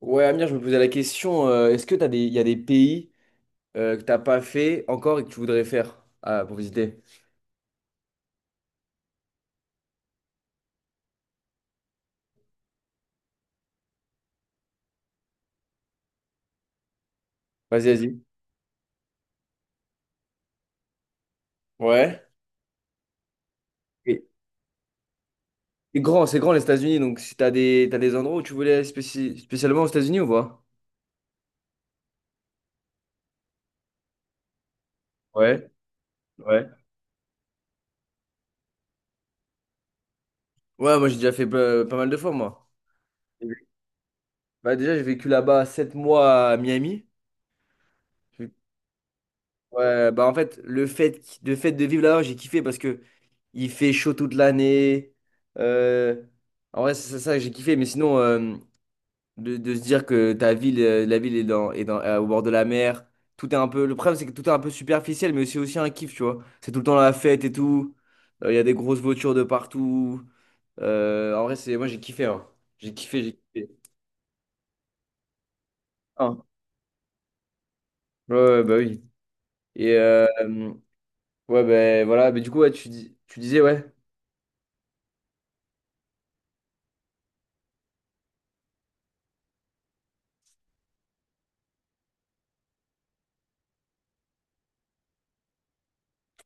Ouais, Amir, je me posais la question, est-ce que il y a des pays que t'as pas fait encore et que tu voudrais faire pour visiter? Vas-y, vas-y. Ouais. Et, et grand, c'est grand les États-Unis, donc si t'as des endroits où tu voulais aller spécialement aux États-Unis ou pas? Ouais, ouais. Ouais, moi j'ai déjà fait pas mal de fois, moi. Bah, déjà, j'ai vécu là-bas 7 mois à Miami. J'ai- Ouais, bah en fait, le fait de vivre là-bas, j'ai kiffé parce que il fait chaud toute l'année. Euh, En vrai, c'est ça que j'ai kiffé, mais sinon, de se dire que ta ville, la ville est dans, au bord de la mer. Tout est un peu, Le problème, c'est que tout est un peu superficiel, mais c'est aussi un kiff, tu vois. C'est tout le temps la fête et tout. Il y a des grosses voitures de partout. En vrai, c'est, moi, j'ai kiffé, hein. J'ai kiffé, j'ai kiffé. Ah. Ouais, ouais, bah oui. Et ouais, ben voilà. Mais du coup, ouais, tu disais, ouais.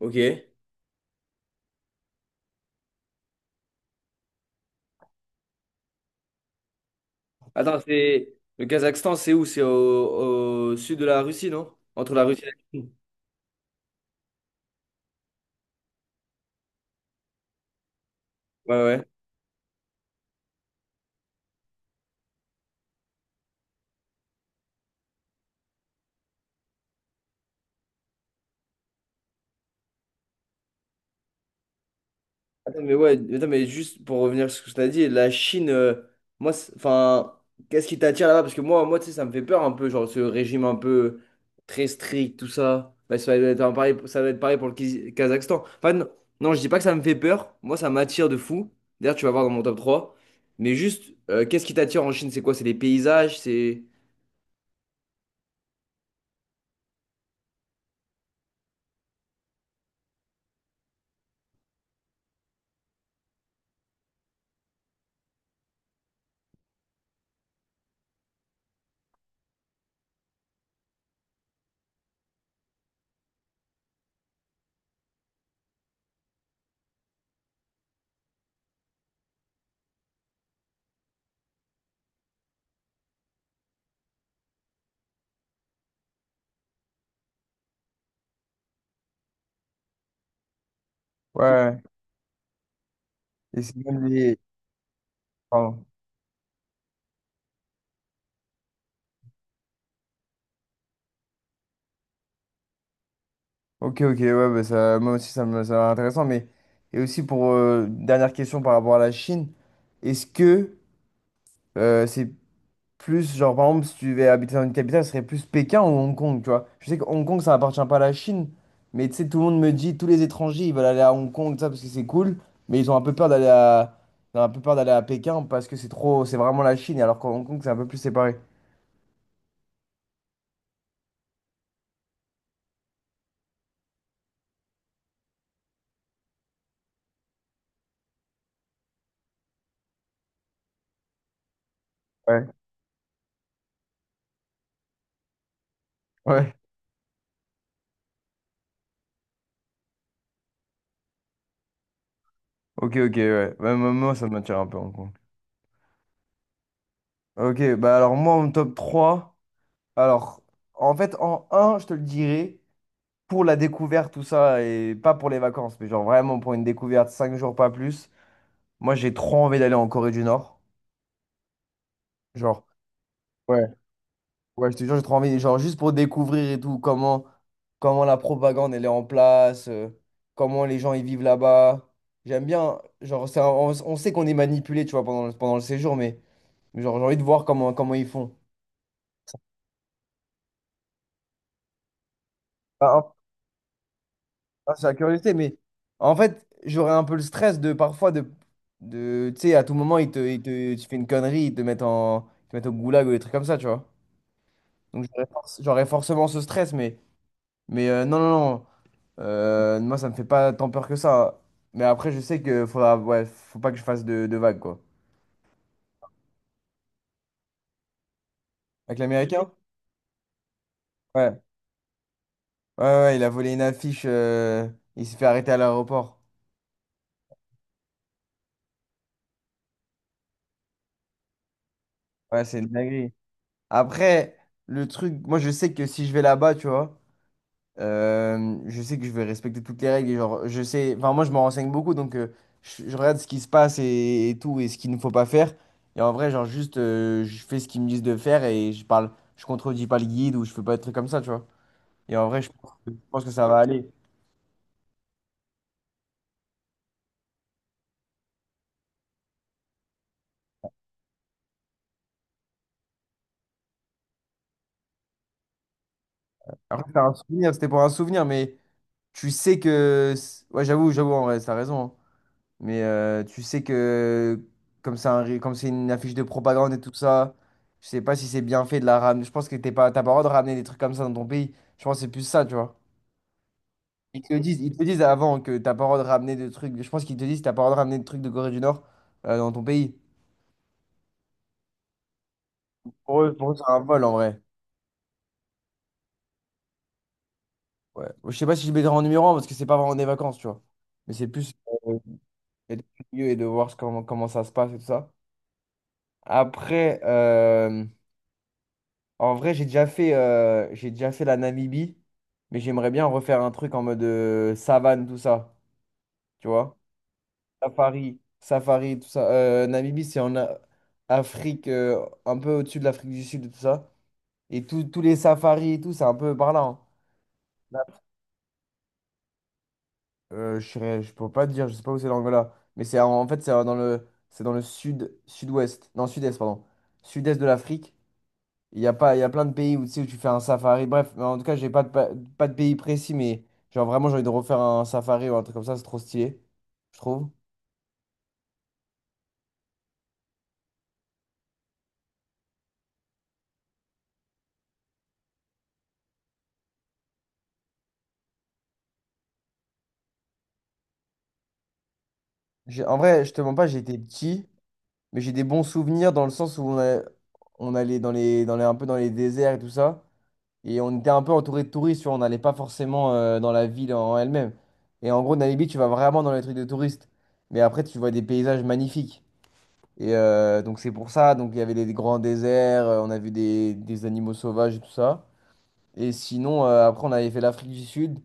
Ok. Attends, c'est le Kazakhstan, c'est où? C'est au sud de la Russie, non? Entre la Russie et la Chine. Ouais, ouais. Attends, mais ouais, attends, mais juste pour revenir sur ce que tu as dit, la Chine, moi, enfin, qu'est-ce qui t'attire là-bas? Parce que moi, tu sais, ça me fait peur un peu, genre ce régime un peu très strict, tout ça. Bah, ça va être un pareil, ça va être pareil pour le Kazakhstan. Enfin, non, non, je dis pas que ça me fait peur. Moi, ça m'attire de fou. D'ailleurs, tu vas voir dans mon top trois. Mais juste, qu'est-ce qui t'attire en Chine? C'est quoi? C'est les paysages? C'est. Ouais. Et c'est même les... Pardon. Ok, ok, ouais, bah ça, moi aussi ça m'a l'air intéressant, mais et aussi pour une dernière question par rapport à la Chine, est-ce que c'est plus genre par exemple si tu devais habiter dans une capitale, ce serait plus Pékin ou Hong Kong, tu vois? Je sais que Hong Kong ça appartient pas à la Chine, mais tu sais tout le monde me dit tous les étrangers ils veulent aller à Hong Kong tout ça parce que c'est cool, mais ils ont un peu peur d'aller à Pékin parce que c'est trop c'est vraiment la Chine alors qu'en Hong Kong c'est un peu plus séparé. Ouais, ouais. Ok, ok, ouais. Ouais, moi, ça m'attire un peu Hong Kong. Ok, bah alors moi en top trois. Alors, en fait, en un, je te le dirais, pour la découverte, tout ça, et pas pour les vacances, mais genre vraiment pour une découverte, 5 jours, pas plus. Moi, j'ai trop envie d'aller en Corée du Nord. Genre, ouais, ouais, je te jure, j'ai trop envie, genre juste pour découvrir et tout, comment la propagande, elle est en place, comment les gens, ils vivent là-bas. J'aime bien, genre, on sait qu'on est manipulé, tu vois, pendant le séjour, mais genre, j'ai envie de voir comment ils font. Ah, c'est la curiosité, mais en fait, j'aurais un peu le stress de parfois de tu sais, à tout moment, ils te, tu fais une connerie, ils te mettent au goulag ou des trucs comme ça, tu vois. Donc j'aurais forcément ce stress, mais, non, non, non, moi, ça me fait pas tant peur que ça. Mais après, je sais que faudra, ouais, faut pas que je fasse de vagues, quoi. Avec l'Américain? Ouais. Ouais, ouais, ouais, il a volé une affiche, il s'est fait arrêter à l'aéroport. Ouais, c'est une dinguerie. Après, le truc, moi, je sais que si je vais là-bas, tu vois. Euh, je sais que je vais respecter toutes les règles. Et genre, je sais, enfin, moi, je me renseigne beaucoup, donc je regarde ce qui se passe et tout, et ce qu'il ne faut pas faire. Et en vrai, genre, juste, je fais ce qu'ils me disent de faire et je parle, je contredis pas le guide ou je fais pas des trucs comme ça, tu vois. Et en vrai, je pense que ça va aller. Après, c'est un souvenir, c'était pour un souvenir, mais tu sais que. C'est- ouais, j'avoue, j'avoue, en vrai, t'as raison, hein. Mais tu sais que comme c'est une affiche de propagande et tout ça, je sais pas si c'est bien fait de la ramener. Je pense que t'as pas le droit de ramener des trucs comme ça dans ton pays. Je pense que c'est plus ça, tu vois. Ils te le disent, avant que t'as pas le droit de ramener des trucs. Je pense qu'ils te disent que t'as pas le droit de ramener des trucs de Corée du Nord dans ton pays. Pour eux, c'est un vol en vrai. Ouais. Je sais pas si je le mettrai en numéro un parce que c'est pas vraiment des vacances, tu vois. Mais c'est plus euh, d'être curieux et de voir comment ça se passe et tout ça. Après, en vrai, j'ai déjà fait la Namibie, mais j'aimerais bien refaire un truc en mode savane, tout ça. Tu vois? Safari, safari, tout ça. Namibie, c'est en Afrique, un peu au-dessus de l'Afrique du Sud, et tout ça. Et tous les safaris et tout, c'est un peu par là, hein. Là, je peux pas te dire, je sais pas où c'est l'Angola. Mais c'est en fait, c'est c'est dans le sud, sud-ouest. Non, sud-est, pardon. Sud-est de l'Afrique. Il y a pas, il y a plein de pays où, tu sais, où tu fais un safari. Bref, mais en tout cas, j'ai pas de pays précis, mais genre vraiment, j'ai envie de refaire un safari ou un truc comme ça, c'est trop stylé, je trouve. En vrai, je te mens pas, j'étais petit, mais j'ai des bons souvenirs dans le sens où on allait un peu dans les déserts et tout ça, et on était un peu entouré de touristes, tu vois, on n'allait pas forcément dans la ville en elle-même. Et en gros, Namibi, tu vas vraiment dans les trucs de touristes, mais après, tu vois des paysages magnifiques. Et donc c'est pour ça, donc il y avait des grands déserts, on a vu des animaux sauvages et tout ça. Et sinon, après, on avait fait l'Afrique du Sud.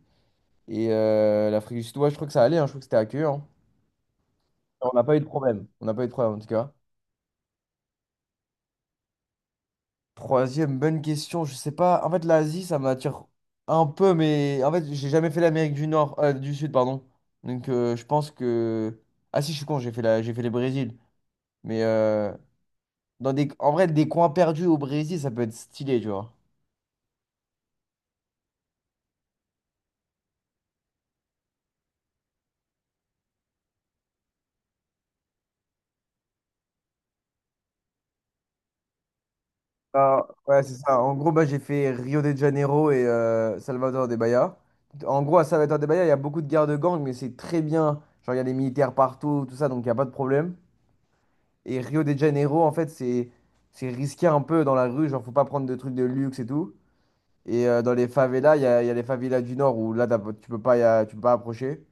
Et l'Afrique du Sud, ouais, je crois que ça allait, hein, je crois que c'était accueillant. Hein. On n'a pas eu de problème. On n'a pas eu de problème en tout cas. Troisième, bonne question. Je sais pas. En fait, l'Asie, ça m'attire un peu, mais en fait, j'ai jamais fait l'Amérique du Nord, du Sud, pardon. Donc je pense que. Ah si, je suis con, j'ai fait le Brésil. Mais en vrai, des coins perdus au Brésil, ça peut être stylé, tu vois. Ah, ouais, c'est ça. En gros, bah, j'ai fait Rio de Janeiro et Salvador de Bahia. En gros, à Salvador de Bahia, il y a beaucoup de guerres de gangs, mais c'est très bien. Genre, il y a des militaires partout, tout ça, donc il n'y a pas de problème. Et Rio de Janeiro, en fait, c'est risqué un peu dans la rue. Genre, faut pas prendre de trucs de luxe et tout. Et dans les favelas, il y a les favelas du Nord où là, t'as pas- tu peux pas, tu peux pas approcher.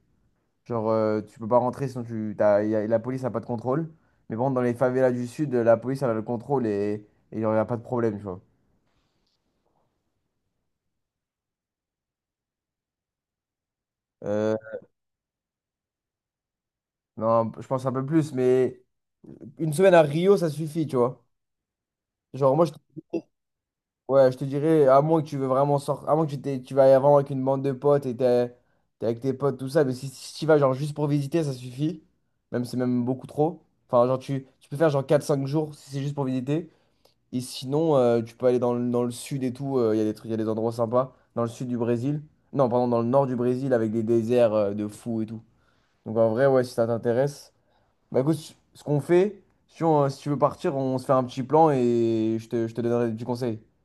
Genre, tu peux pas rentrer sinon tu, t'as- y a- la police n'a pas de contrôle. Mais bon, dans les favelas du Sud, la police, elle a le contrôle et il n'y a pas de problème, tu vois. Euh, Non, je pense un peu plus, mais une semaine à Rio, ça suffit, tu vois. Genre, moi, ouais, je te dirais, à moins que tu veux vraiment sortir, à moins que tu vas vraiment avec une bande de potes et t'es avec tes potes, tout ça, mais si tu y vas, genre, juste pour visiter, ça suffit. Même, si c'est même beaucoup trop. Enfin, genre, tu peux faire, genre, 4 5 jours si c'est juste pour visiter. Et sinon, tu peux aller dans le sud et tout, il y a des trucs, il y a des endroits sympas. Dans le sud du Brésil. Non, pardon, dans le nord du Brésil avec des déserts de fous et tout. Donc, en vrai, ouais, si ça t'intéresse. Bah écoute, ce qu'on fait, si tu veux partir, on se fait un petit plan et je te donnerai des petits conseils.